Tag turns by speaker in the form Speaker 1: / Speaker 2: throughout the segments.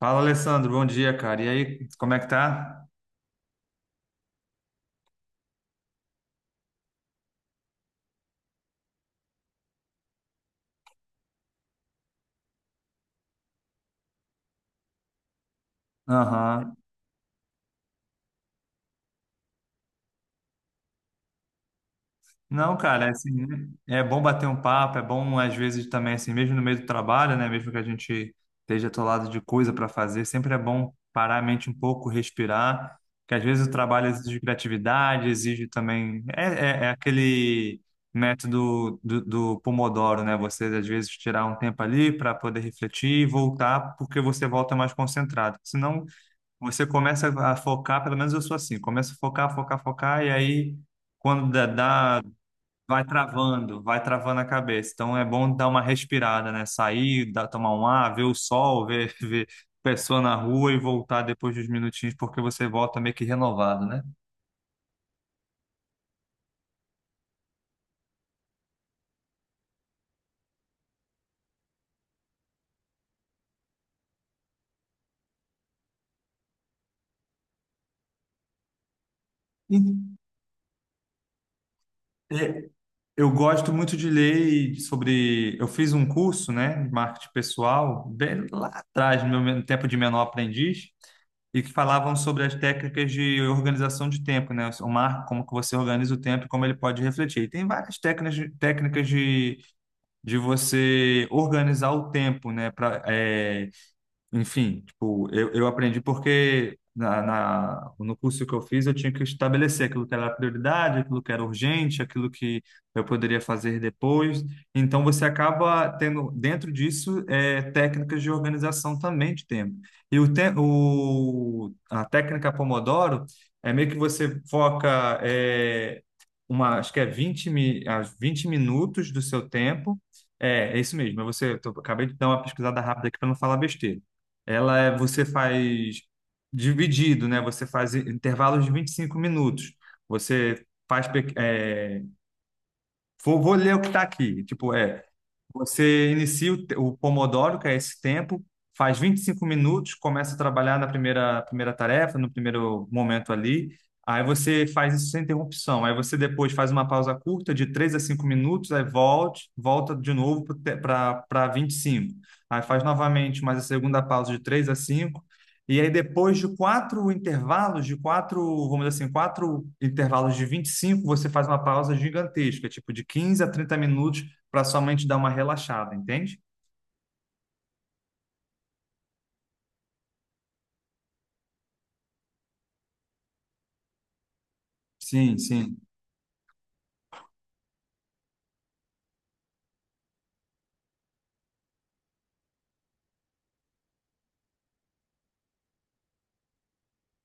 Speaker 1: Fala, Alessandro, bom dia, cara. E aí, como é que tá? Aham. Não, cara, é assim, né? É bom bater um papo, é bom às vezes também, assim, mesmo no meio do trabalho, né? Mesmo que a gente esteja atolado de coisa para fazer, sempre é bom parar a mente um pouco, respirar, que às vezes o trabalho exige criatividade, exige também. É aquele método do Pomodoro, né? Você às vezes tirar um tempo ali para poder refletir e voltar, porque você volta mais concentrado. Senão você começa a focar, pelo menos eu sou assim, começa a focar, focar, focar, e aí quando vai travando a cabeça. Então é bom dar uma respirada, né? Sair, dar, tomar um ar, ver o sol, ver, ver pessoa na rua e voltar depois dos minutinhos, porque você volta meio que renovado, né? E, é, eu gosto muito de ler sobre. Eu fiz um curso, né, de marketing pessoal, bem lá atrás, no meu tempo de menor aprendiz, e que falavam sobre as técnicas de organização de tempo, né? O marco, como que você organiza o tempo e como ele pode refletir. E tem várias técnicas, técnicas de você organizar o tempo, né? Enfim, tipo, eu aprendi porque no curso que eu fiz eu tinha que estabelecer aquilo que era prioridade, aquilo que era urgente, aquilo que eu poderia fazer depois. Então você acaba tendo dentro disso técnicas de organização também de tempo. E o, te, o a técnica Pomodoro é meio que você foca uma, acho que é 20 mi, as 20 minutos do seu tempo. É, é isso mesmo. Você, acabei de dar uma pesquisada rápida aqui para não falar besteira. Você faz dividido, né? Você faz intervalos de 25 minutos. Você faz. Pe- É, vou, vou ler o que está aqui. Tipo, você inicia o Pomodoro, que é esse tempo, faz 25 minutos, começa a trabalhar na primeira tarefa, no primeiro momento ali. Aí você faz isso sem interrupção. Aí você depois faz uma pausa curta de 3 a 5 minutos, aí volta de novo para 25. Aí faz novamente mais a segunda pausa de 3 a 5. E aí depois de quatro intervalos, vamos dizer assim, quatro intervalos de 25, você faz uma pausa gigantesca, tipo de 15 a 30 minutos para sua mente dar uma relaxada, entende? Sim, sim,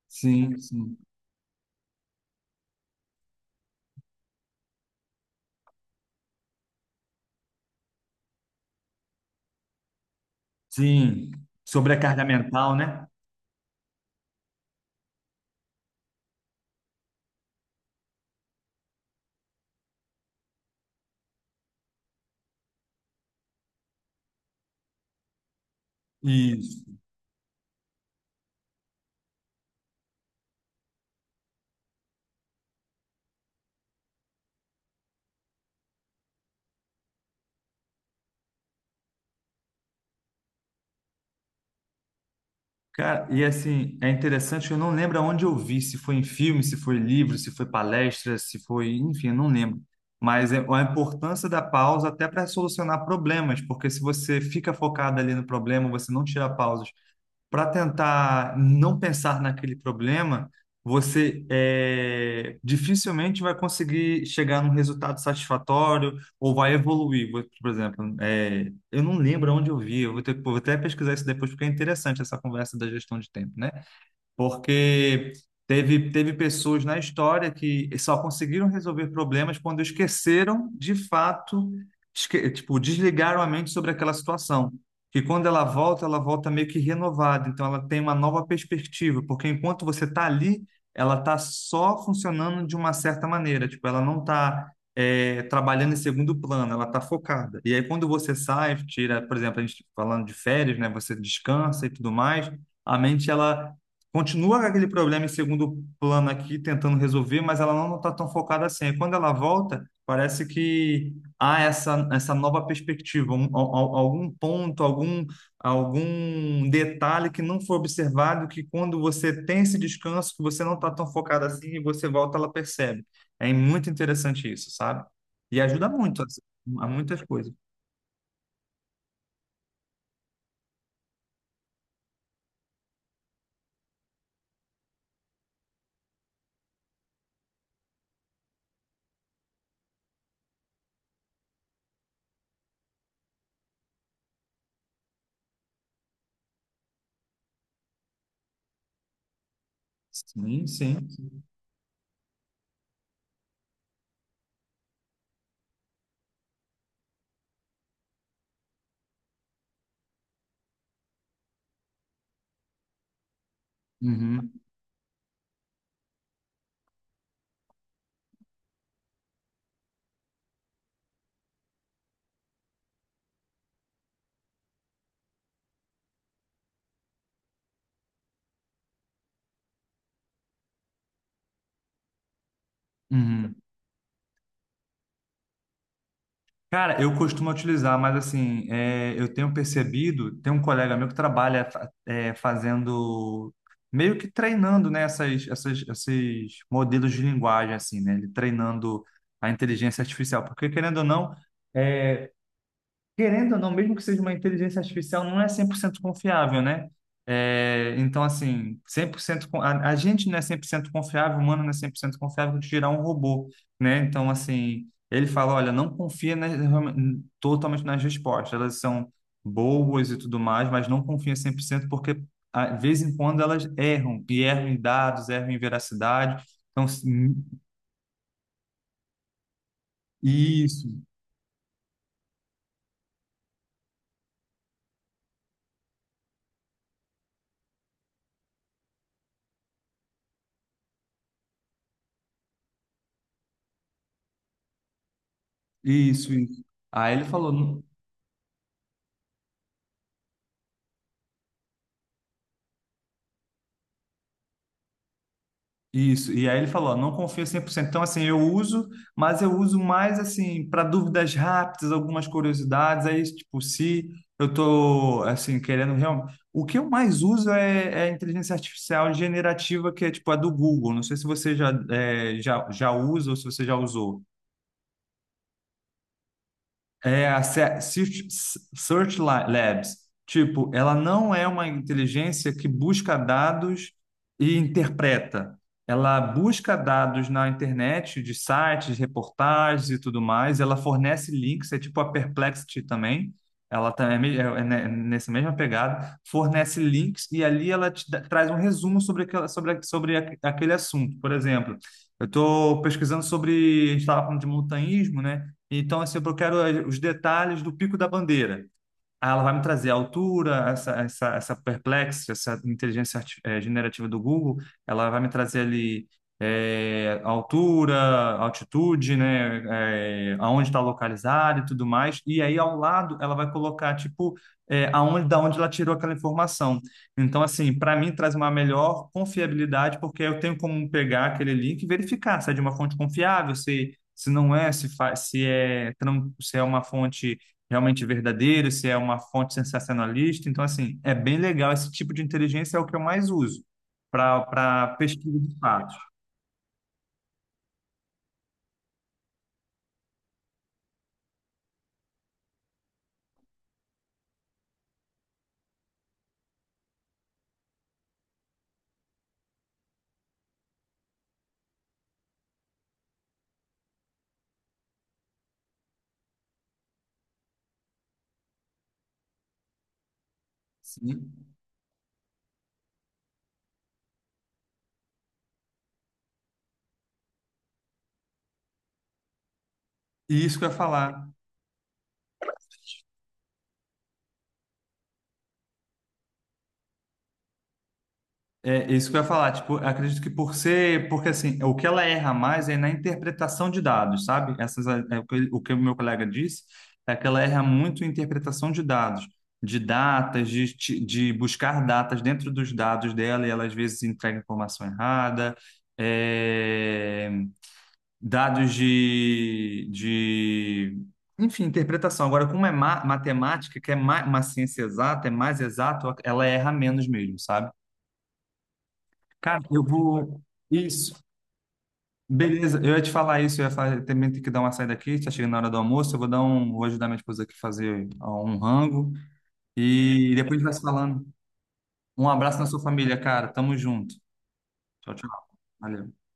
Speaker 1: sim, sim. Sobrecarga mental, né? Isso. Cara, e assim, é interessante, eu não lembro aonde eu vi, se foi em filme, se foi livro, se foi palestra, se foi, enfim, eu não lembro. Mas é a importância da pausa até para solucionar problemas, porque se você fica focado ali no problema, você não tira pausas para tentar não pensar naquele problema, dificilmente vai conseguir chegar num resultado satisfatório ou vai evoluir. Por exemplo, eu não lembro onde eu vi, vou até pesquisar isso depois, porque é interessante essa conversa da gestão de tempo, né? Porque teve pessoas na história que só conseguiram resolver problemas quando esqueceram, de fato, tipo, desligaram a mente sobre aquela situação. Que quando ela volta meio que renovada, então ela tem uma nova perspectiva, porque enquanto você está ali, ela está só funcionando de uma certa maneira, tipo, ela não está trabalhando em segundo plano, ela está focada. E aí quando você sai, tira, por exemplo, a gente falando de férias, né, você descansa e tudo mais, a mente ela continua com aquele problema em segundo plano aqui, tentando resolver, mas ela não está tão focada assim. Aí quando ela volta, parece que há essa nova perspectiva, algum ponto, algum detalhe que não foi observado, que quando você tem esse descanso, que você não está tão focado assim, e você volta, ela percebe. É muito interessante isso, sabe? E ajuda muito assim, a muitas coisas. Sim, sim. Uhum, uhum. Cara, eu costumo utilizar, mas assim, é, eu tenho percebido, tem um colega meu que trabalha fazendo, meio que treinando, né, esses modelos de linguagem, assim, né, ele treinando a inteligência artificial, porque querendo ou não, é, querendo ou não, mesmo que seja uma inteligência artificial, não é 100% confiável, né? É, então, assim, a gente não é 100% confiável, o humano não é 100% confiável de gerar um robô, né? Então, assim, ele fala, olha, não confia totalmente nas respostas, elas são boas e tudo mais, mas não confia 100% porque, a- de vez em quando, elas erram, e erram em dados, erram em veracidade. Então, assim, isso, isso, isso. Aí ele falou. Isso, e aí ele falou, ó, não confio 100%. Então, assim, eu uso, mas eu uso mais, assim, para dúvidas rápidas, algumas curiosidades. Aí, tipo, se querendo realmente... O que eu mais uso é, é a inteligência artificial generativa, que é, tipo, a do Google. Não sei se você já, já usa ou se você já usou. É a Search Labs. Tipo, ela não é uma inteligência que busca dados e interpreta. Ela busca dados na internet, de sites, reportagens e tudo mais. Ela fornece links, é tipo a Perplexity também. Ela também é nessa mesma pegada, fornece links e ali ela traz um resumo sobre aquele assunto. Por exemplo, eu estou pesquisando sobre, a gente estava falando de montanhismo, né? Então, assim, eu quero os detalhes do Pico da Bandeira. Ah, ela vai me trazer a altura, essa Perplexity, essa inteligência generativa do Google, ela vai me trazer ali altura, altitude, né, aonde está localizado e tudo mais. E aí ao lado ela vai colocar tipo da onde ela tirou aquela informação. Então, assim, para mim traz uma melhor confiabilidade porque eu tenho como pegar aquele link e verificar se é de uma fonte confiável, se não é, se, fa- se é tran- se é uma fonte realmente verdadeiro, se é uma fonte sensacionalista. Então, assim, é bem legal. Esse tipo de inteligência é o que eu mais uso para pesquisa de fatos. Sim. E isso que eu ia falar. É isso que eu ia falar. Tipo, eu acredito que por ser. Porque, assim, o que ela erra mais é na interpretação de dados, sabe? É o que o meu colega disse é que ela erra muito em interpretação de dados. De datas, de buscar datas dentro dos dados dela, e ela às vezes entrega informação errada. É, dados enfim, interpretação. Agora, como matemática, que uma ciência exata, é mais exato, ela erra menos mesmo, sabe? Cara, eu vou. Isso. Beleza, eu ia te falar isso, eu ia falar, eu também tenho que dar uma saída aqui, tá chegando na hora do almoço, eu vou dar um, vou ajudar minha esposa aqui a fazer ó, um rango e depois a gente vai se falando. Um abraço na sua família, cara. Tamo junto. Tchau, tchau. Valeu.